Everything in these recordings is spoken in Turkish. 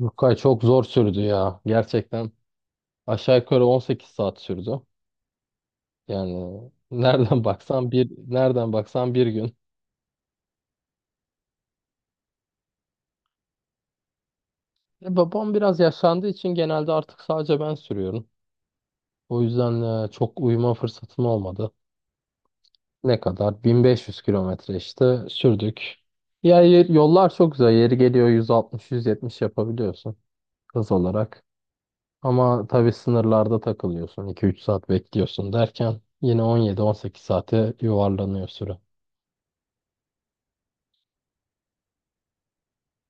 Rukay çok zor sürdü ya. Gerçekten aşağı yukarı 18 saat sürdü. Yani nereden baksan bir gün. Babam biraz yaşlandığı için genelde artık sadece ben sürüyorum. O yüzden çok uyuma fırsatım olmadı. Ne kadar? 1500 kilometre işte sürdük. Ya yollar çok güzel. Yeri geliyor 160-170 yapabiliyorsun hız olarak. Ama tabii sınırlarda takılıyorsun. İki üç saat bekliyorsun derken yine 17-18 saate yuvarlanıyor süre.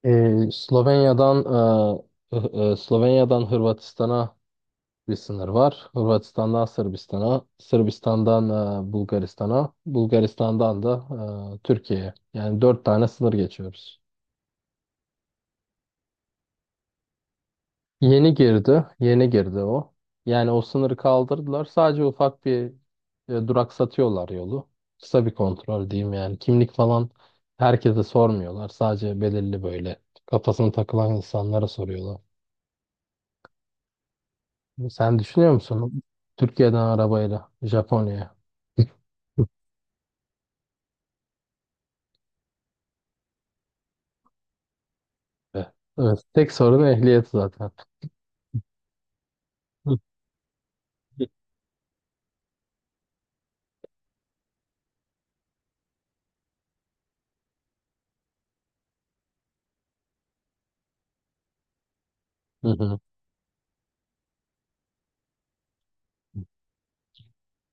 Slovenya'dan e, Slovenya'dan Hırvatistan'a bir sınır var. Hırvatistan'dan Sırbistan'a, Sırbistan'dan Bulgaristan'a, Bulgaristan'dan da Türkiye'ye. Yani dört tane sınır geçiyoruz. Yeni girdi o. Yani o sınırı kaldırdılar. Sadece ufak bir duraksatıyorlar yolu. Kısa bir kontrol diyeyim yani. Kimlik falan herkese sormuyorlar. Sadece belirli böyle kafasına takılan insanlara soruyorlar. Sen düşünüyor musun? Türkiye'den arabayla Japonya'ya. Evet. Evet. Tek sorun ehliyet zaten. Hı hı. Hı.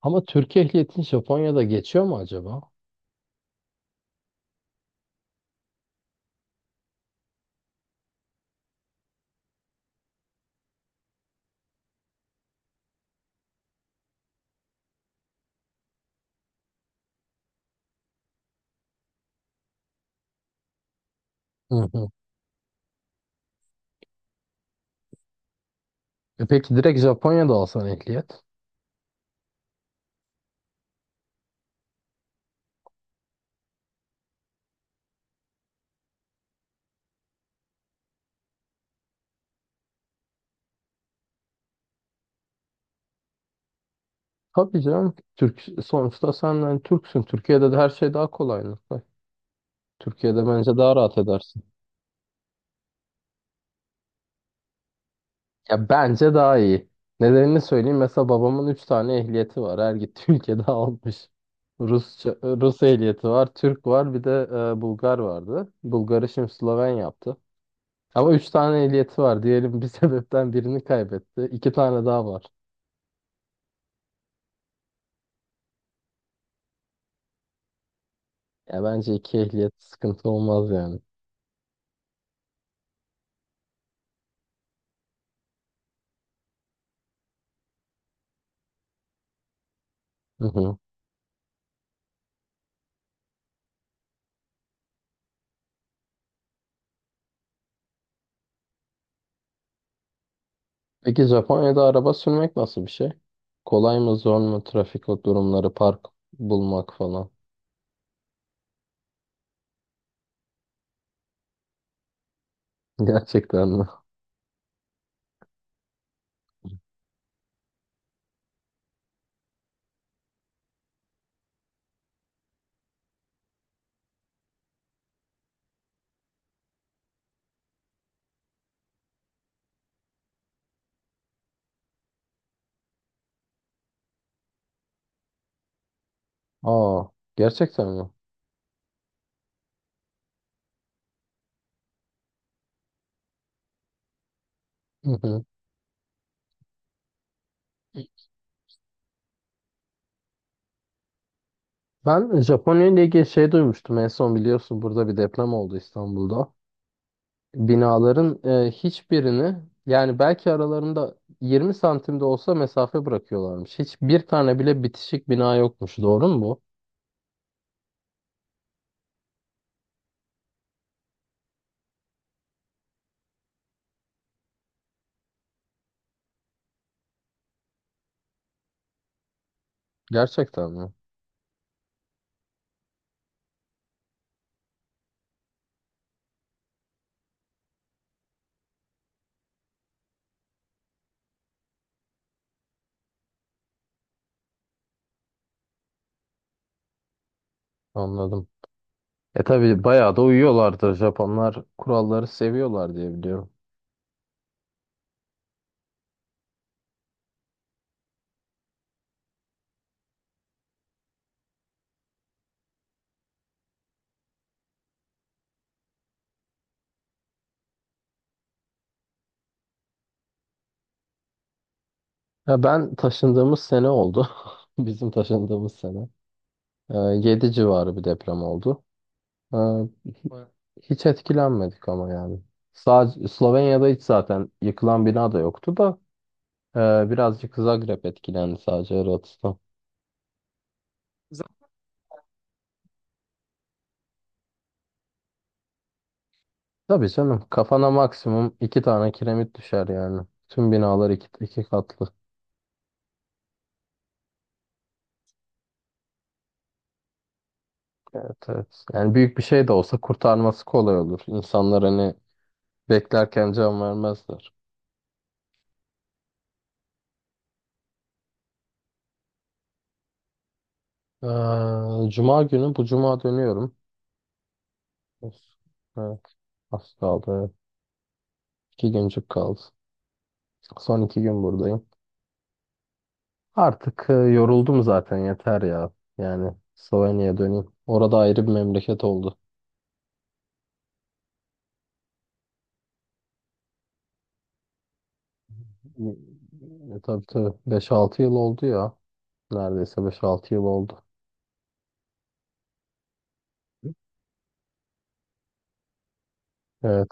Ama Türkiye ehliyetin Japonya'da geçiyor mu acaba? Hı hı. E peki direkt Japonya'da alsan ehliyet? Tabii canım. Türk, sonuçta sen yani Türksün. Türkiye'de de her şey daha kolay. Nurkay. Türkiye'de bence daha rahat edersin. Ya bence daha iyi. Nedenini söyleyeyim. Mesela babamın 3 tane ehliyeti var. Her gittiği ülkede almış. Rusça, Rus ehliyeti var, Türk var, bir de Bulgar vardı. Bulgar'ı şimdi Sloven yaptı. Ama üç tane ehliyeti var. Diyelim bir sebepten birini kaybetti. 2 tane daha var. Ya bence iki ehliyet sıkıntı olmaz yani. Hı hı. Peki Japonya'da araba sürmek nasıl bir şey? Kolay mı, zor mu? Trafik durumları, park bulmak falan. Gerçekten mi? Aa, gerçekten mi? Hı hı. Ben Japonya ile ilgili şey duymuştum en son, biliyorsun burada bir deprem oldu İstanbul'da. Binaların hiçbirini yani belki aralarında 20 santim de olsa mesafe bırakıyorlarmış. Hiçbir tane bile bitişik bina yokmuş. Doğru mu bu? Gerçekten mi? Anladım. E tabii bayağı da uyuyorlardır. Japonlar kuralları seviyorlar diye biliyorum. Ya ben taşındığımız sene oldu. Bizim taşındığımız sene. 7 civarı bir deprem oldu. Ha, Baya- hiç etkilenmedik ama yani. Sadece Slovenya'da hiç zaten yıkılan bina da yoktu da birazcık Zagreb etkilendi, sadece Hırvatistan. Z- Tabii canım kafana maksimum iki tane kiremit düşer yani. Tüm binalar iki katlı. Evet evet. Yani büyük bir şey de olsa kurtarması kolay olur. İnsanlar hani beklerken can vermezler. Cuma günü bu cuma dönüyorum. Evet. Az kaldı. Evet. İki güncük kaldı. Son iki gün buradayım. Artık yoruldum zaten, yeter ya. Yani Slovenya'ya döneyim. Orada ayrı bir memleket oldu. Tabii tabii beş altı yıl oldu ya. Neredeyse beş altı yıl oldu. Evet.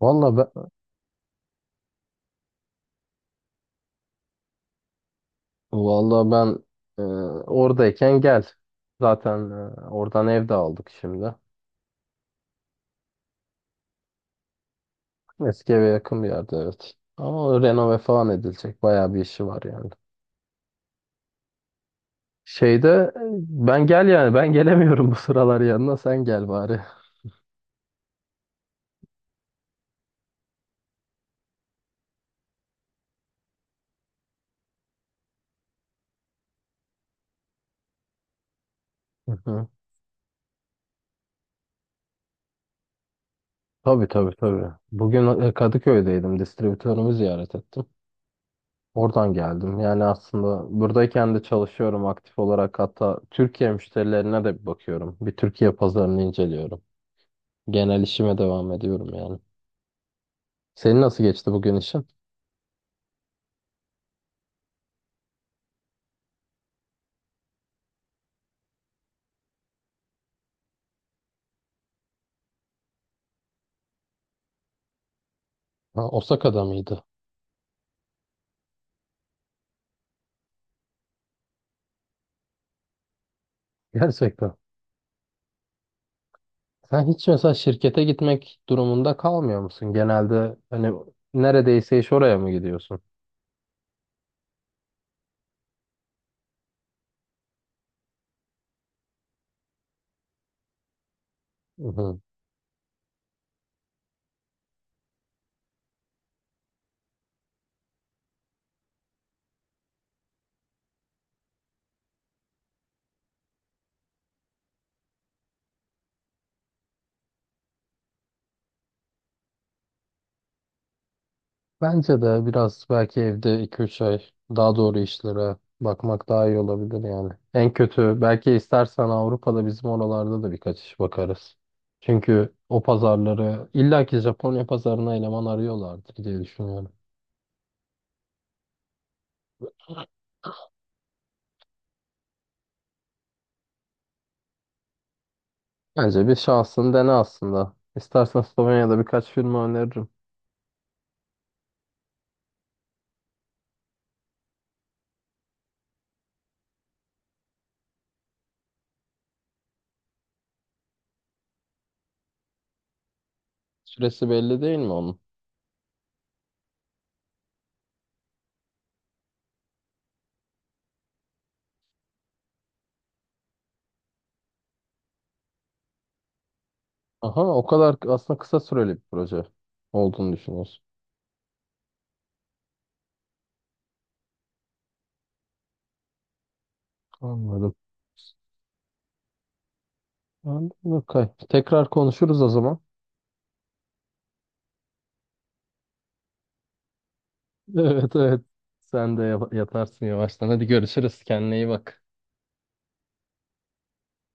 Valla ben, vallahi ben e, oradayken gel. Zaten oradan ev de aldık şimdi. Eski eve yakın bir yerde, evet. Ama o renove falan edilecek. Bayağı bir işi var yani. Şeyde e, ben gel yani, ben gelemiyorum bu sıralar, yanına sen gel bari. Tabii tabii tabii. Bugün Kadıköy'deydim. Distribütörümü ziyaret ettim. Oradan geldim. Yani aslında buradayken de çalışıyorum aktif olarak. Hatta Türkiye müşterilerine de bir bakıyorum. Bir Türkiye pazarını inceliyorum. Genel işime devam ediyorum yani. Senin nasıl geçti bugün işin? Ha, Osaka'da mıydı? Gerçekten. Sen hiç mesela şirkete gitmek durumunda kalmıyor musun? Genelde hani neredeyse iş oraya mı gidiyorsun? Hı hı. Bence de biraz belki evde iki üç ay daha doğru işlere bakmak daha iyi olabilir yani. En kötü belki istersen Avrupa'da bizim oralarda da birkaç iş bakarız. Çünkü o pazarları illaki Japonya pazarına eleman arıyorlardır diye düşünüyorum. Bence bir şansın dene aslında. İstersen Slovenya'da birkaç firma öneririm. Süresi belli değil mi onun? Aha o kadar aslında kısa süreli bir proje olduğunu düşünüyorsun. Anladım. Anladım. Okay. Tekrar konuşuruz o zaman. Evet evet. Sen de yatarsın yavaştan. Hadi görüşürüz. Kendine iyi bak.